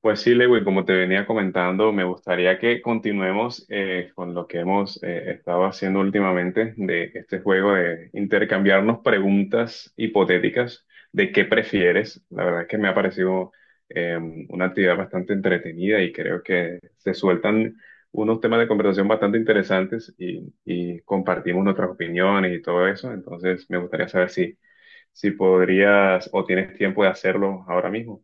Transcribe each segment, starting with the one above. Pues sí, Lewin, como te venía comentando, me gustaría que continuemos con lo que hemos estado haciendo últimamente de este juego de intercambiarnos preguntas hipotéticas de qué prefieres. La verdad es que me ha parecido eh, una actividad bastante entretenida y creo que se sueltan unos temas de conversación bastante interesantes y compartimos nuestras opiniones y todo eso. Entonces, me gustaría saber si podrías o tienes tiempo de hacerlo ahora mismo.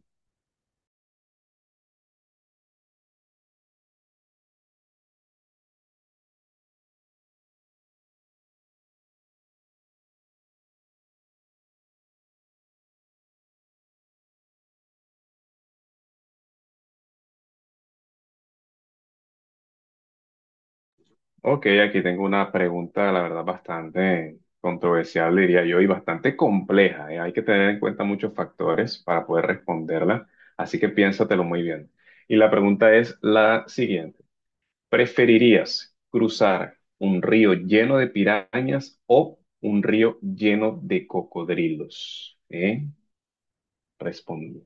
Ok, aquí tengo una pregunta, la verdad, bastante controversial, diría yo, y bastante compleja, ¿eh? Hay que tener en cuenta muchos factores para poder responderla, así que piénsatelo muy bien. Y la pregunta es la siguiente. ¿Preferirías cruzar un río lleno de pirañas o un río lleno de cocodrilos? ¿Eh? Responde.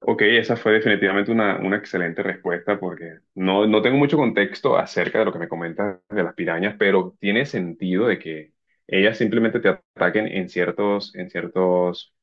Ok, esa fue definitivamente una excelente respuesta porque no tengo mucho contexto acerca de lo que me comentas de las pirañas, pero tiene sentido de que ellas simplemente te ataquen en en ciertos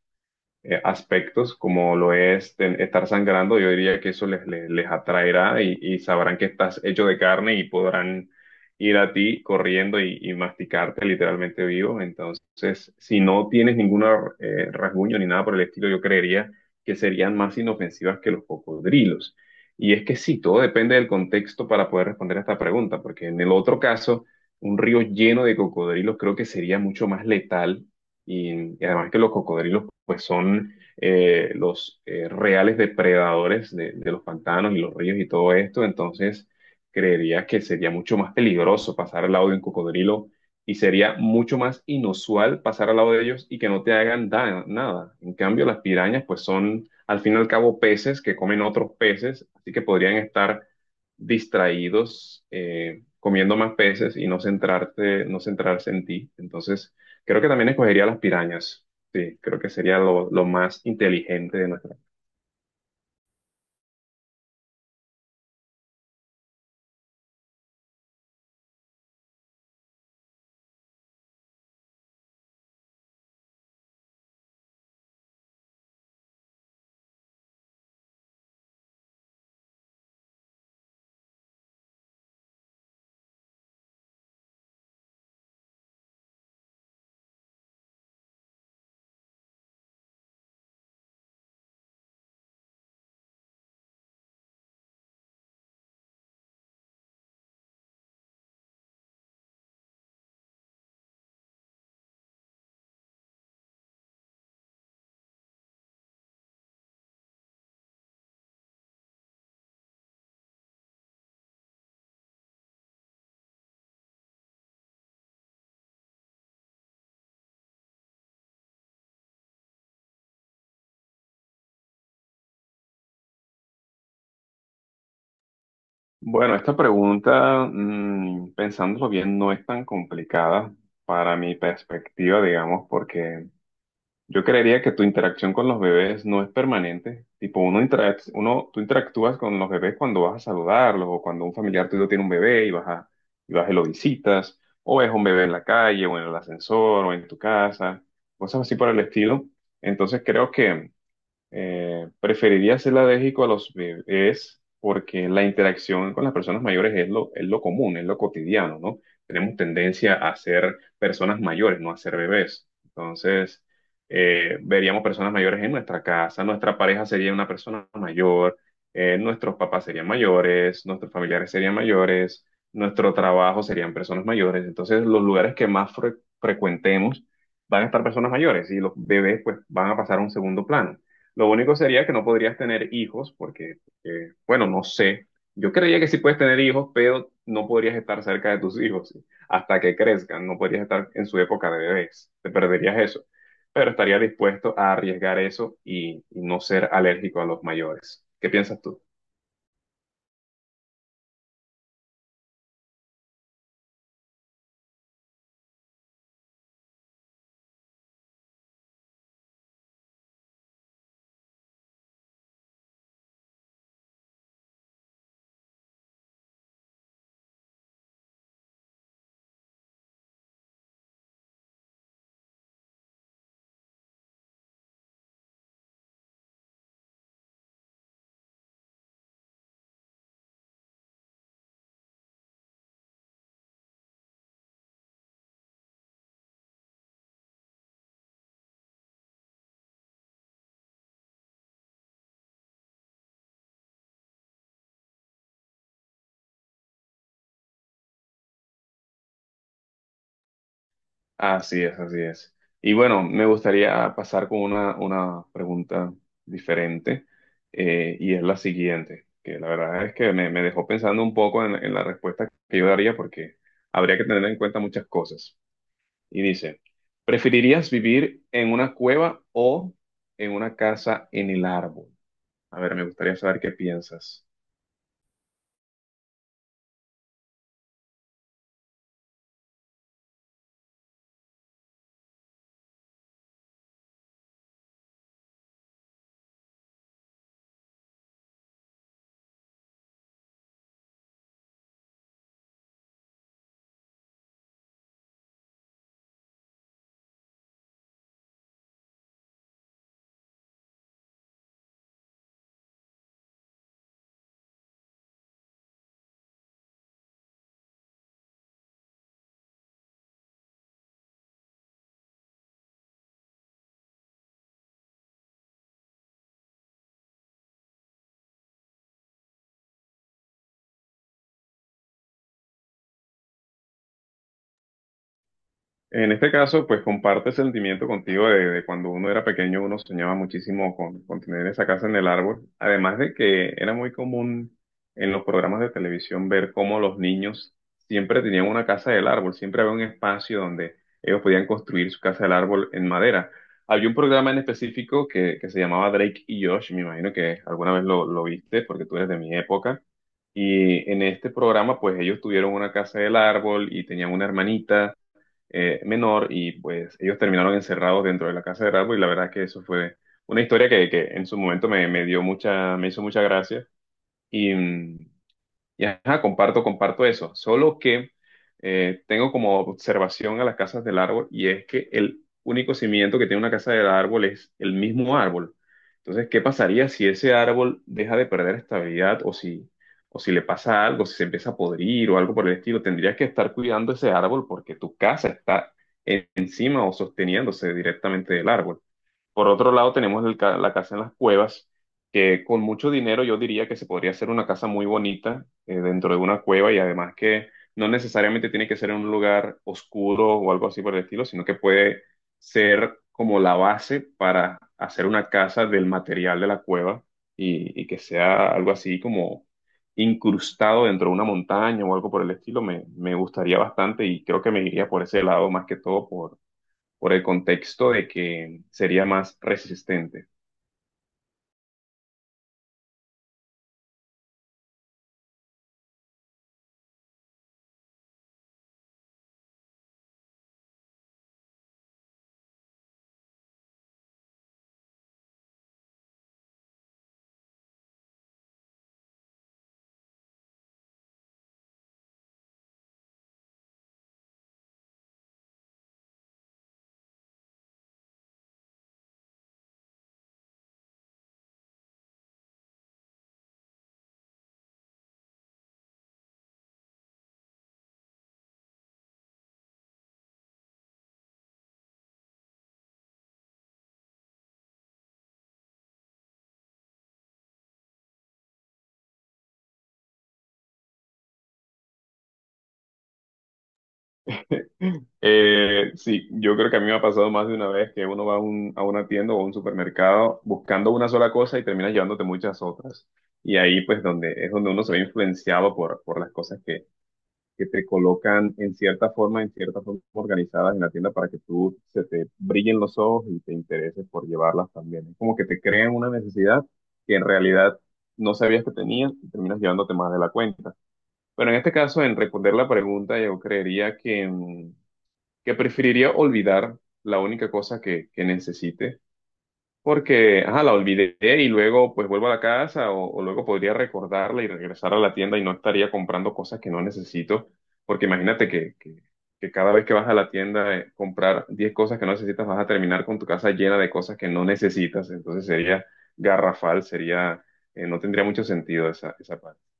aspectos, como lo es estar sangrando, yo diría que eso les atraerá y sabrán que estás hecho de carne y podrán ir a ti corriendo y masticarte literalmente vivo. Entonces, si no tienes ningún rasguño ni nada por el estilo, yo creería que serían más inofensivas que los cocodrilos. Y es que sí, todo depende del contexto para poder responder a esta pregunta, porque en el otro caso, un río lleno de cocodrilos creo que sería mucho más letal y además que los cocodrilos pues son los reales depredadores de los pantanos y los ríos y todo esto, entonces creería que sería mucho más peligroso pasar al lado de un cocodrilo y sería mucho más inusual pasar al lado de ellos y que no te hagan nada. En cambio, las pirañas pues son al fin y al cabo peces que comen otros peces, así que podrían estar distraídos comiendo más peces y no no centrarse en ti. Entonces creo que también escogería las pirañas. Sí, creo que sería lo más inteligente de nuestra. Bueno, esta pregunta, pensándolo bien, no es tan complicada para mi perspectiva, digamos, porque yo creería que tu interacción con los bebés no es permanente. Tipo, tú interactúas con los bebés cuando vas a saludarlos o cuando un familiar tuyo tiene un bebé y y vas y lo visitas, o es un bebé en la calle o en el ascensor o en tu casa, cosas así por el estilo. Entonces creo que preferiría ser alérgico a los bebés porque la interacción con las personas mayores es es lo común, es lo cotidiano, ¿no? Tenemos tendencia a ser personas mayores, no a ser bebés. Entonces, veríamos personas mayores en nuestra casa, nuestra pareja sería una persona mayor, nuestros papás serían mayores, nuestros familiares serían mayores, nuestro trabajo serían personas mayores. Entonces, los lugares que más frecuentemos van a estar personas mayores y los bebés pues van a pasar a un segundo plano. Lo único sería que no podrías tener hijos porque, bueno, no sé. Yo creía que sí puedes tener hijos, pero no podrías estar cerca de tus hijos, ¿sí?, hasta que crezcan. No podrías estar en su época de bebés. Te perderías eso. Pero estaría dispuesto a arriesgar eso y no ser alérgico a los mayores. ¿Qué piensas tú? Así es, así es. Y bueno, me gustaría pasar con una pregunta diferente, y es la siguiente, que la verdad es que me dejó pensando un poco en la respuesta que yo daría porque habría que tener en cuenta muchas cosas. Y dice, ¿preferirías vivir en una cueva o en una casa en el árbol? A ver, me gustaría saber qué piensas. En este caso, pues comparte ese sentimiento contigo de cuando uno era pequeño, uno soñaba muchísimo con tener esa casa en el árbol. Además de que era muy común en los programas de televisión ver cómo los niños siempre tenían una casa del árbol, siempre había un espacio donde ellos podían construir su casa del árbol en madera. Había un programa en específico que se llamaba Drake y Josh, me imagino que alguna vez lo viste porque tú eres de mi época. Y en este programa, pues ellos tuvieron una casa del árbol y tenían una hermanita menor y pues ellos terminaron encerrados dentro de la casa de Ralph y la verdad es que eso fue una historia que en su momento me hizo mucha gracia y, y ajá, comparto eso. Solo que tengo como observación a las casas del árbol y es que el único cimiento que tiene una casa del árbol es el mismo árbol. Entonces, ¿qué pasaría si ese árbol deja de perder estabilidad o o si le pasa algo, si se empieza a podrir o algo por el estilo? Tendrías que estar cuidando ese árbol porque tu casa está encima o sosteniéndose directamente del árbol. Por otro lado, tenemos el la casa en las cuevas, que con mucho dinero yo diría que se podría hacer una casa muy bonita dentro de una cueva y además que no necesariamente tiene que ser en un lugar oscuro o algo así por el estilo, sino que puede ser como la base para hacer una casa del material de la cueva y que sea algo así como incrustado dentro de una montaña o algo por el estilo. Me gustaría bastante y creo que me iría por ese lado más que todo por el contexto de que sería más resistente. Sí, yo creo que a mí me ha pasado más de una vez que uno a una tienda o a un supermercado buscando una sola cosa y terminas llevándote muchas otras. Y ahí pues donde es donde uno se ve influenciado por las cosas que te colocan en cierta forma organizadas en la tienda para que tú se te brillen los ojos y te intereses por llevarlas también. Es como que te crean una necesidad que en realidad no sabías que tenías y terminas llevándote más de la cuenta. Bueno, en este caso, en responder la pregunta, yo creería que, que preferiría olvidar la única cosa que necesite, porque, ajá, la olvidé y luego pues vuelvo a la casa o luego podría recordarla y regresar a la tienda y no estaría comprando cosas que no necesito, porque imagínate que cada vez que vas a la tienda comprar 10 cosas que no necesitas, vas a terminar con tu casa llena de cosas que no necesitas, entonces sería garrafal, sería, no tendría mucho sentido esa parte.